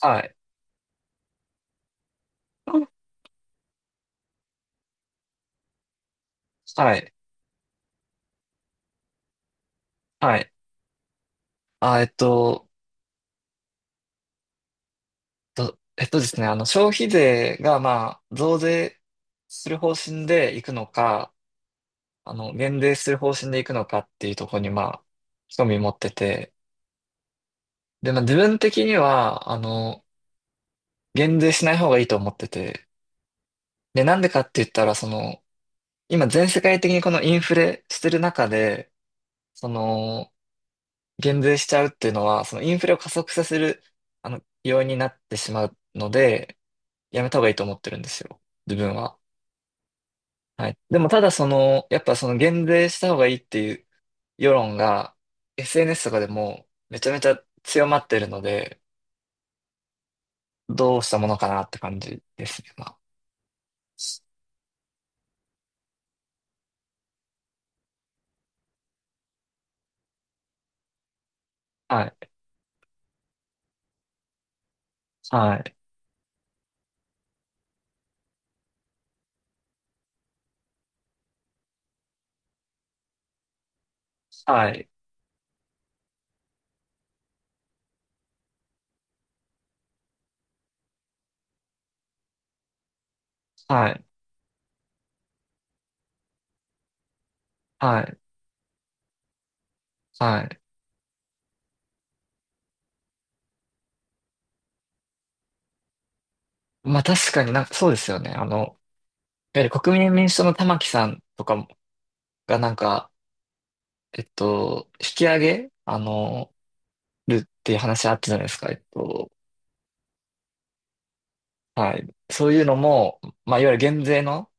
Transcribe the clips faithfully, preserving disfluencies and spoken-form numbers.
はい。はい。はい。あ、えっと、と、えっとですね、あの、消費税が、まあ、増税する方針でいくのか、あの、減税する方針でいくのかっていうところに、まあ、興味持ってて、で、まあ、自分的には、あの、減税しない方がいいと思ってて、で、なんでかって言ったら、その、今、全世界的にこのインフレしてる中で、その、減税しちゃうっていうのは、そのインフレを加速させる、あの、要因になってしまうので、やめた方がいいと思ってるんですよ。自分は。はい。でもただその、やっぱその減税した方がいいっていう世論が エスエヌエス とかでもめちゃめちゃ強まってるので、どうしたものかなって感じですね。まあ、はい。はい。はい。はい。はい。はい。まあ確かになんかそうですよね。あの、やはり国民民主党の玉木さんとかがなんか、えっと、引き上げ、あの、るっていう話あったじゃないですか。えっと、はい。そういうのも、まあ、いわゆる減税の、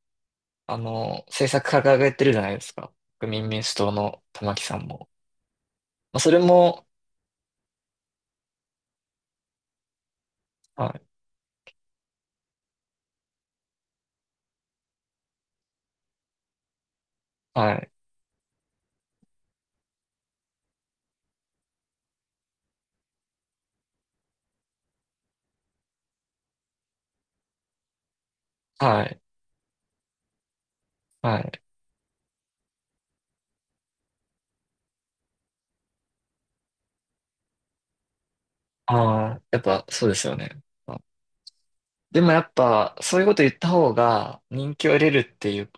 あの、政策掲げてるじゃないですか。国民民主党の玉木さんも。まあ、それも、はい、はい、はい、はい。ああ、やっぱそうですよね。まあでもやっぱ、そういうこと言った方が人気を得れるっていう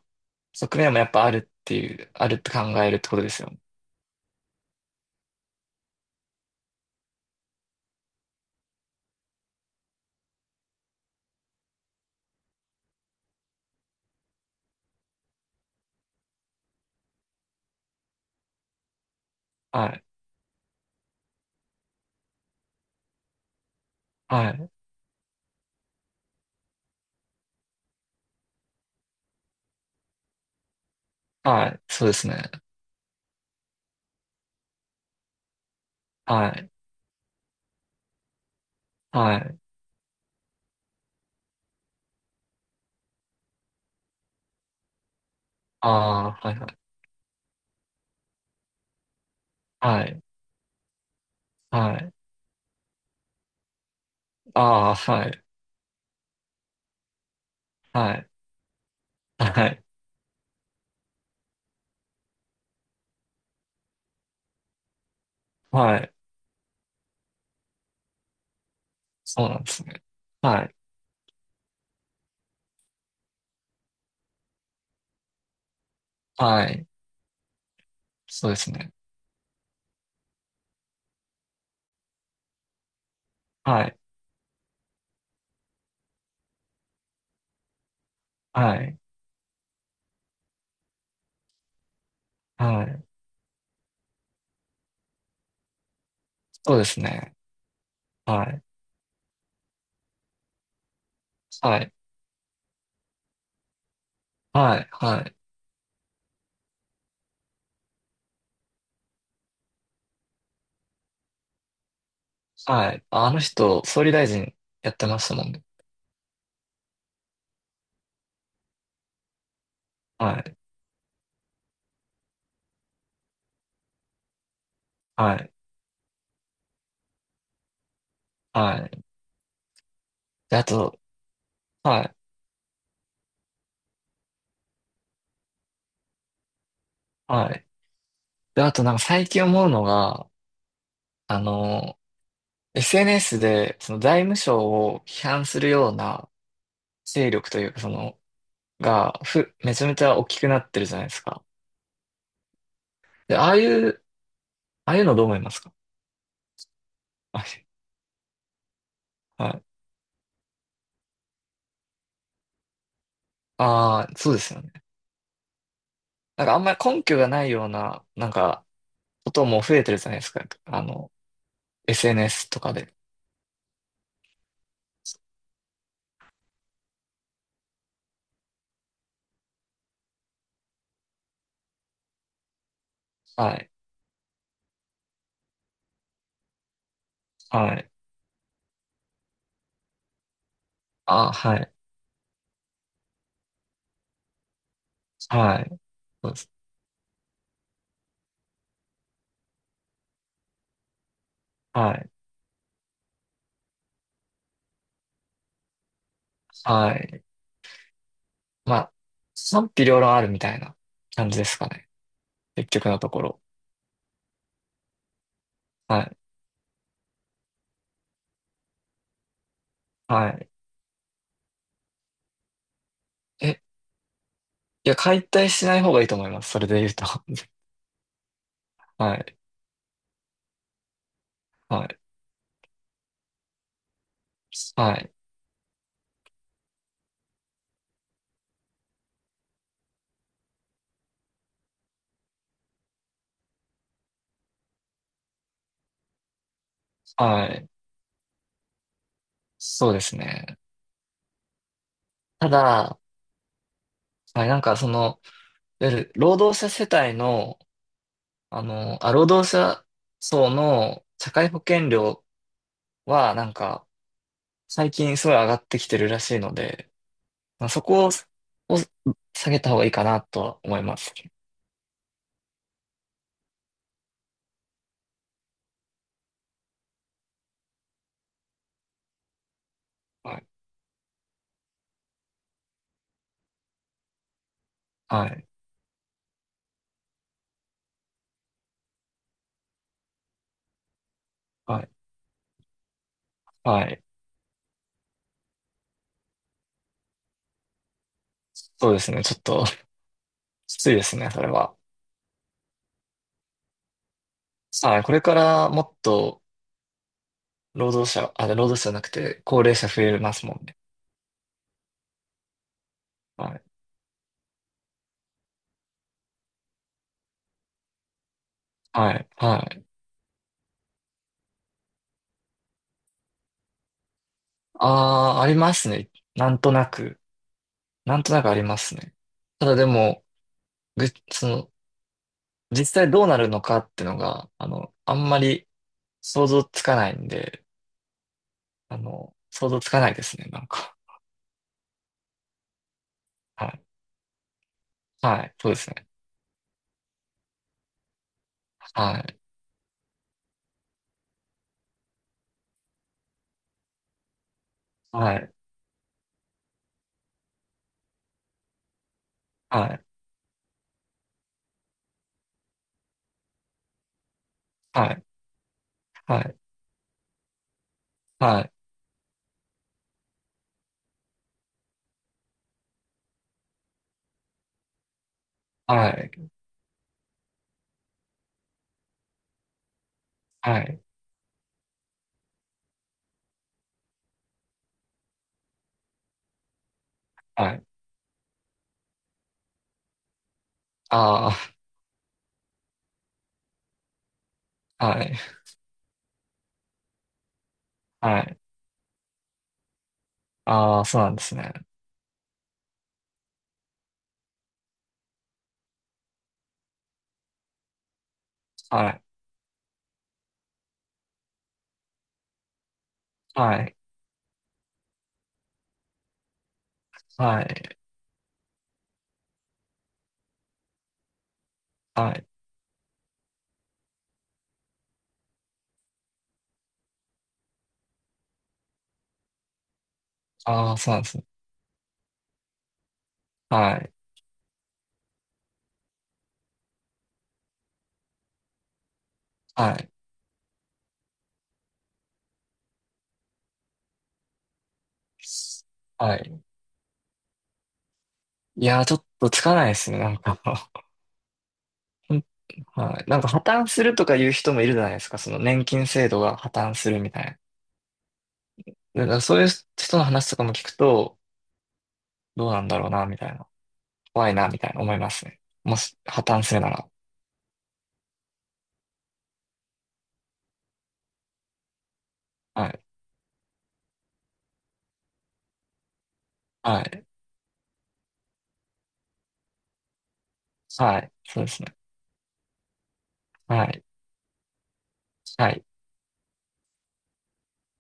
側面もやっぱあるっていう、あるって考えるってことですよね。はい、はい、はい、そうですね。はい、はい、ああ、はい、はい、はい、はい、ああ、はい、はい、はい、はい。そうなんですね。はい。はい。そうですね。はい。はい。はい。そうですね。はい。はい。はい。はい。はい。あの人、総理大臣やってましたもんね。はい。はい。はい。で、あと、はい。はい。で、あとなんか最近思うのが、あの、エスエヌエス で、その財務省を批判するような勢力というか、その、が、ふ、めちゃめちゃ大きくなってるじゃないですか。で、ああいう、ああいうのどう思いますか？はい。ああ、そうですよね。なんかあんまり根拠がないような、なんか、ことも増えてるじゃないですか。あの、エスエヌエス とかで。はい。はい。ああ、はい。はい。そうです。はい。はい。まあ、賛否両論あるみたいな感じですかね。結局のところ。はい。はい。え、いや、解体しない方がいいと思います。それで言うと。はい。はい。はい。はい。そうですね。ただ、はい、なんかその、いわゆる労働者世帯の、あの、あ、労働者層の社会保険料はなんか最近すごい上がってきてるらしいので、まあ、そこを、を下げた方がいいかなとは思います。はい。はい。はい。はい。そうですね。ちょっと きついですね、それは。はい。これからもっと労働者、あ、労働者じゃなくて高齢者増えますもんね。はい。はい。はい。ああ、ありますね。なんとなく。なんとなくありますね。ただでも、ぐ、その、実際どうなるのかってのが、あの、あんまり想像つかないんで、あの、想像つかないですね、なんか。はい。はい。そうですね。はい。はい。はい。はい。はい。はい。はい。はい。はい。ああ、はい。はい。ああ、そうなんですね。はい。はい。はい。はい。ああ、そうなんですね。はい。はい。はい。いやー、ちょっとつかないですね、なんか。はい。なんか破綻するとか言う人もいるじゃないですか。その年金制度が破綻するみたいな。だからそういう人の話とかも聞くと、どうなんだろうな、みたいな。怖いな、みたいな思いますね。もし破綻するなら。はい。はい。はい。そうですね。はい。はい。